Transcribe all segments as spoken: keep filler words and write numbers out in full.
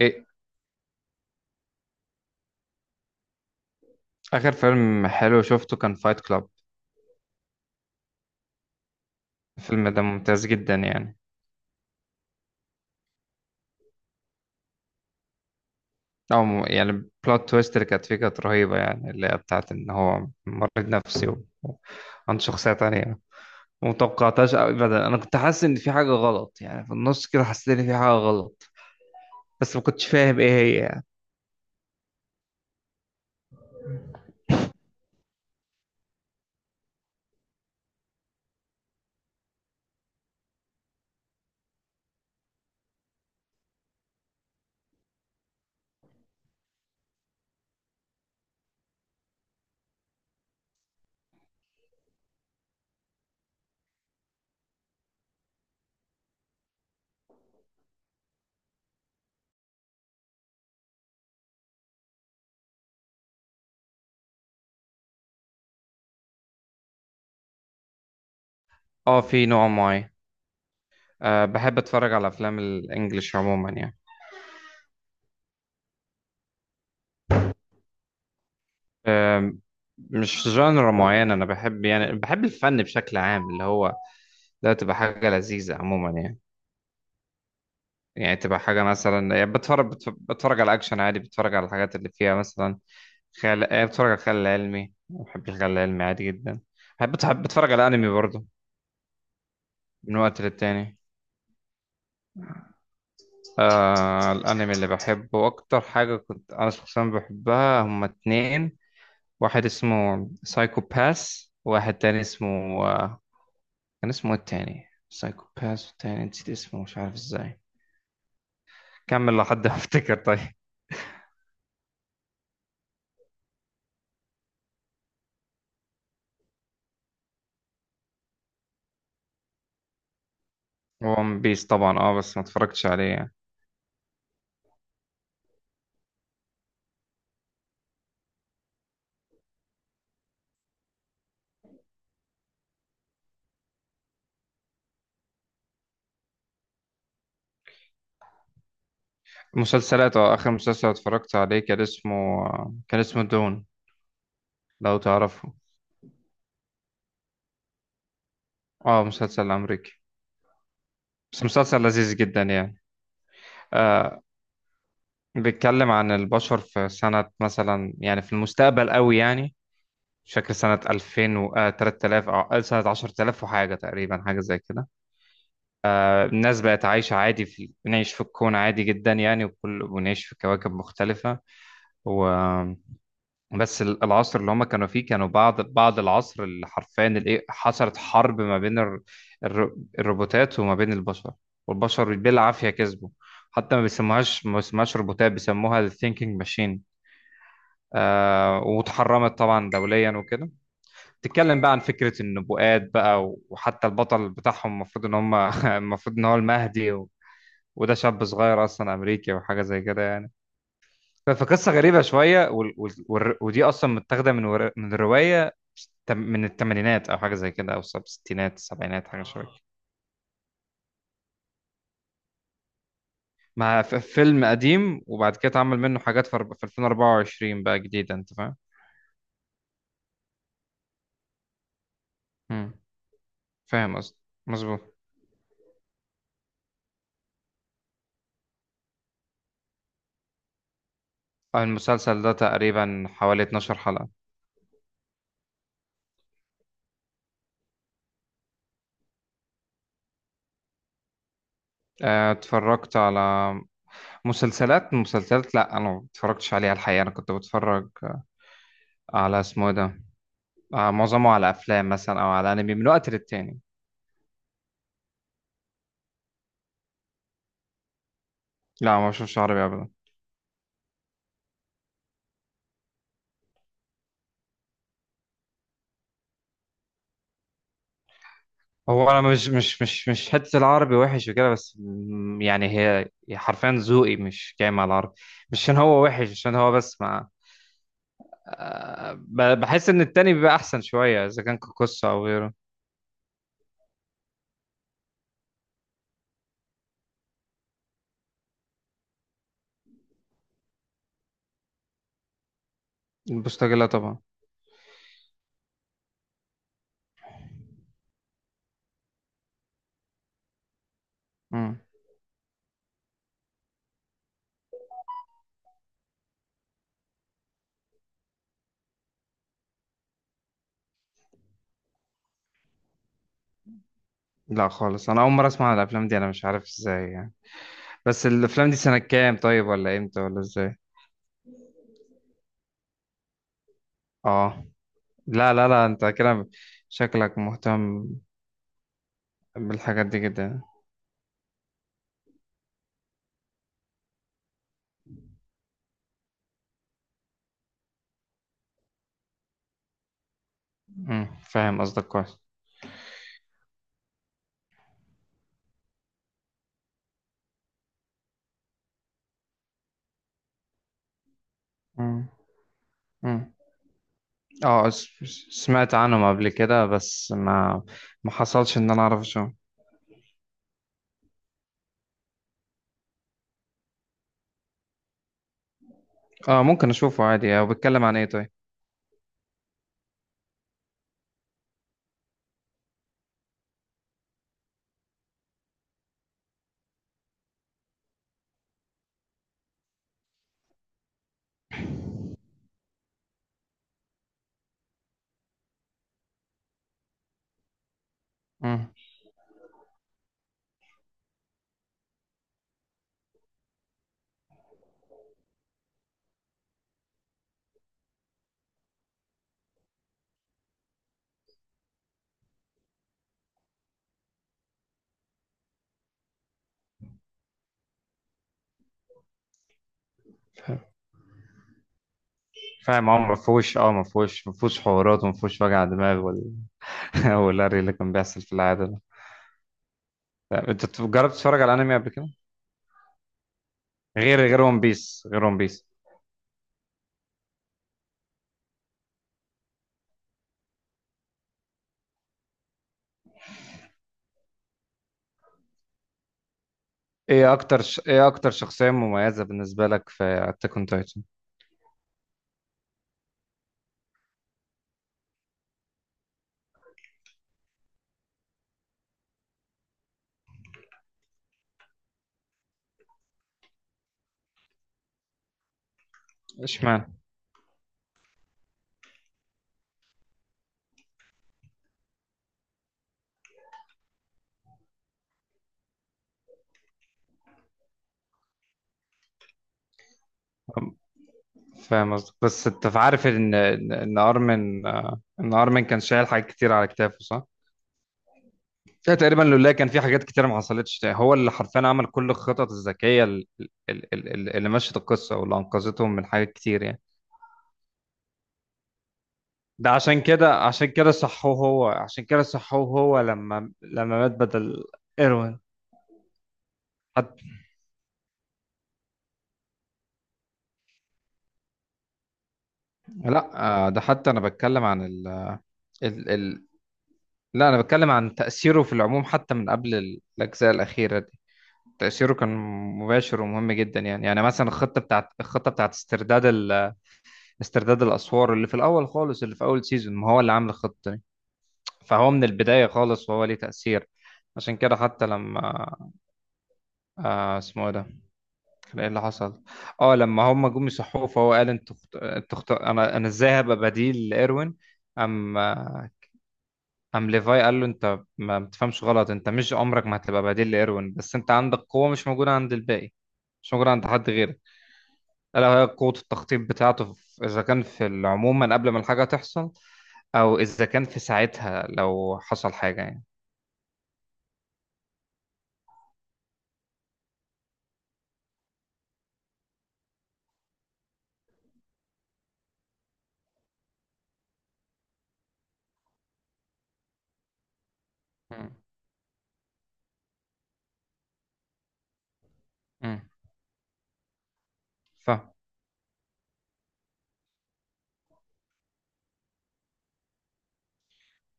إيه. آخر فيلم حلو شفته كان فايت كلاب. الفيلم ده ممتاز جدا يعني. أو م- يعني البلوت تويست اللي كانت فيه كانت رهيبة، يعني اللي هي بتاعت إن هو مريض نفسي و- وعنده شخصية تانية متوقعتهاش أبدا. أنا كنت حاسس إن في حاجة غلط، يعني في النص كده حسيت إن في حاجة غلط بس ما كنتش فاهم إيه هي يعني. أه في نوع معين. أه بحب أتفرج على أفلام الإنجليش عموما يعني. أه مش جانرا معين، أنا بحب يعني بحب الفن بشكل عام اللي هو ده، تبقى حاجة لذيذة عموما يعني. يعني تبقى حاجة مثلا، يعني بتفرج بتف- بتفرج على أكشن عادي، بتفرج على الحاجات اللي فيها مثلا خيال، آه، بتفرج على الخيال العلمي، بحب الخيال العلمي عادي جدا. بحب بحب بتفرج على أنمي برضه من وقت للتاني. آه الأنمي اللي بحبه أكتر حاجة كنت أنا شخصيا بحبها هما اتنين. واحد اسمه سايكو باس وواحد تاني اسمه، آه كان اسمه إيه التاني؟ سايكو باس والتاني نسيت اسمه مش عارف ازاي. كمل لحد ما افتكر طيب. ون بيس طبعا، اه بس ما اتفرجتش عليه يعني. مسلسلات اه، اخر مسلسل اتفرجت عليه كان اسمه، آه، كان اسمه دون، لو تعرفه. اه مسلسل امريكي بس مسلسل لذيذ جدا يعني. آه بيتكلم عن البشر في سنة مثلا، يعني في المستقبل قوي يعني، مش فاكر سنة ألفين و آه، تلاتة آلاف او آه، سنة عشرة آلاف وحاجة تقريبا، حاجة زي كده. آه الناس بقت عايشة عادي، في بنعيش في الكون عادي جدا يعني، وكل ونعيش في كواكب مختلفة. و... بس ال- العصر اللي هم كانوا فيه كانوا بعد بعد العصر اللي حرفيا الايه، حصلت حرب ما بين الر- الر- الروبوتات وما بين البشر، والبشر بالعافية كسبوا. حتى ما بيسموهاش ما بيسموهاش روبوتات، بيسموها الثينكينج ماشين. آه واتحرمت طبعا دوليا وكده. تتكلم بقى عن فكرة النبوءات بقى، و- وحتى البطل بتاعهم المفروض ان هم المفروض ان هو المهدي. و... وده شاب صغير اصلا امريكي وحاجة زي كده يعني. ف- فقصة غريبة شوية، وال... وال... والر- ودي أصلا متاخدة من ور... من الرواية تم- من الثمانينات أو حاجة زي كده، أو السب- الستينات السبعينات، حاجة شوية اه. مع ف- فيلم قديم وبعد كده اتعمل منه حاجات في أرب- في ألفين واربعة وعشرين بقى، جديدة. أنت فاهم؟ مم. فاهم قصدي. مظبوط. المسلسل ده تقريبا حوالي اتناشر حلقة. آه، اتفرجت على مسلسلات، مسلسلات لا أنا ما اتفرجتش عليها الحقيقة. أنا كنت بتفرج على اسمه إيه ده، آه، معظمه على أفلام مثلا، أو على أنمي من وقت للتاني. لا ما بشوفش عربي أبدا. هو انا مش مش مش مش حته العربي وحش وكده، بس م- يعني هي هي حرفيا ذوقي مش جاي مع العربي. مش عشان هو وحش، عشان هو بس مع، آه، ب- بحس ان التاني بيبقى احسن شويه، اذا كان كوكوسا او غيره. البوستاجيلا طبعا. مم. لا خالص، انا اول مره اسمع عن الافلام دي، انا مش عارف ازاي يعني. بس الافلام دي سنه كام طيب، ولا امتى ولا ازاي؟ اه. لا لا لا، انت كده شكلك مهتم بالحاجات دي جدا. مم. فاهم قصدك كويس. مم. مم. اه س- سمعت عنهم قبل كده، بس ما ما حصلش ان انا اعرف اشوفه. اه ممكن اشوفه عادي. هو بيتكلم عن ايه طيب؟ مم. فاهم. فاهم، اه ما فيهوش اه ما فيهوش ما فيهوش حوارات، وما فيهوش وجع دماغ ولا والهري اللي كان بيحصل في العاده ده. فاهم. انت ت- جربت تتفرج على انمي قبل كده؟ غير غير ون بيس، غير ون بيس ايه اكتر ش... ايه اكتر شخصيه مميزه بالنسبه لك في اتاك اون تايتن؟ اشمعنى؟ فاهم قصدك، بس انت عارف ان ان إن ارمن، آه، ان ارمن كان شايل حاجات كتير على كتافه، صح؟ لا تقريبا، لولا كان في حاجات كتير ما حصلتش. هو اللي حرفيا عمل كل الخطط الذكية ال- ال- ال- ال- اللي مشت القصة واللي أنقذتهم من حاجات كتير يعني. ده عشان كده، عشان كده صحوه هو عشان كده صحوه هو لما لما مات بدل إيروين. حتى، لا. آه، ده حتى أنا بتكلم عن ال... ال... ال... لا أنا بتكلم عن تأثيره في العموم، حتى من قبل ال- الأجزاء الأخيرة دي. تأثيره كان مباشر ومهم جدا يعني. يعني مثلا الخطة بتاعت الخطة بتاعت استرداد ال... استرداد الأسوار اللي في الأول خالص، اللي في أول سيزون. ما هو اللي عامل الخطة دي. فهو من البداية خالص وهو ليه تأثير. عشان كده حتى لما، آه اسمه إيه ده، كان ايه اللي حصل، اه لما هم جم يصحوه فهو قال، انت خت... انت خت... انا انا ازاي هبقى بديل لايروين؟ ام آه، ام ليفاي قال له انت ما بتفهمش غلط، انت مش عمرك ما هتبقى بديل لايروين، بس انت عندك قوة مش موجودة عند الباقي، مش موجودة عند حد غيرك، الا وهي قوة التخطيط بتاعته، في- اذا كان في عموما قبل ما الحاجة تحصل، او اذا كان في ساعتها لو حصل حاجة يعني. مم. مم. فاهم.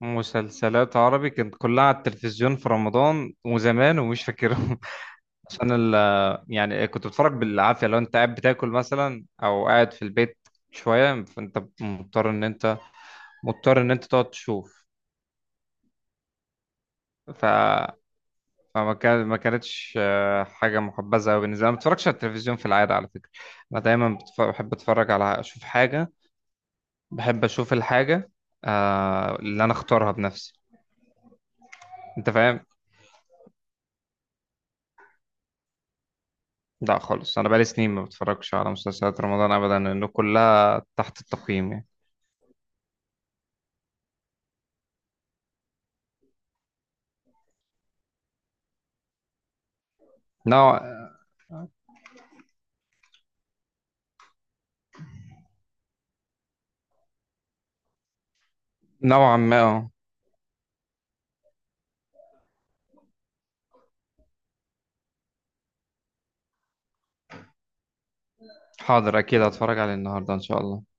مسلسلات عربي كانت كلها على التلفزيون في رمضان وزمان، ومش فاكرهم عشان ال يعني كنت بتفرج بالعافية، لو انت قاعد بتاكل مثلا او قاعد في البيت شوية، فانت مضطر ان انت مضطر ان انت تقعد تشوف. ف فما كان، ما كانتش آه، حاجة محبذة أوي بالنسبة لي. أنا ما بتفرجش على التلفزيون في العادة على فكرة. أنا دايما بتف- بحب أتفرج على، أشوف حاجة، بحب اشوف الحاجه آه اللي انا اختارها بنفسي. انت فاهم؟ لا خالص، انا بقالي سنين ما بتفرجش على مسلسلات رمضان ابدا، لانه كلها تحت التقييم يعني. نوع نوعا ما آه. حاضر، اكيد هتفرج عليه النهارده ان شاء الله.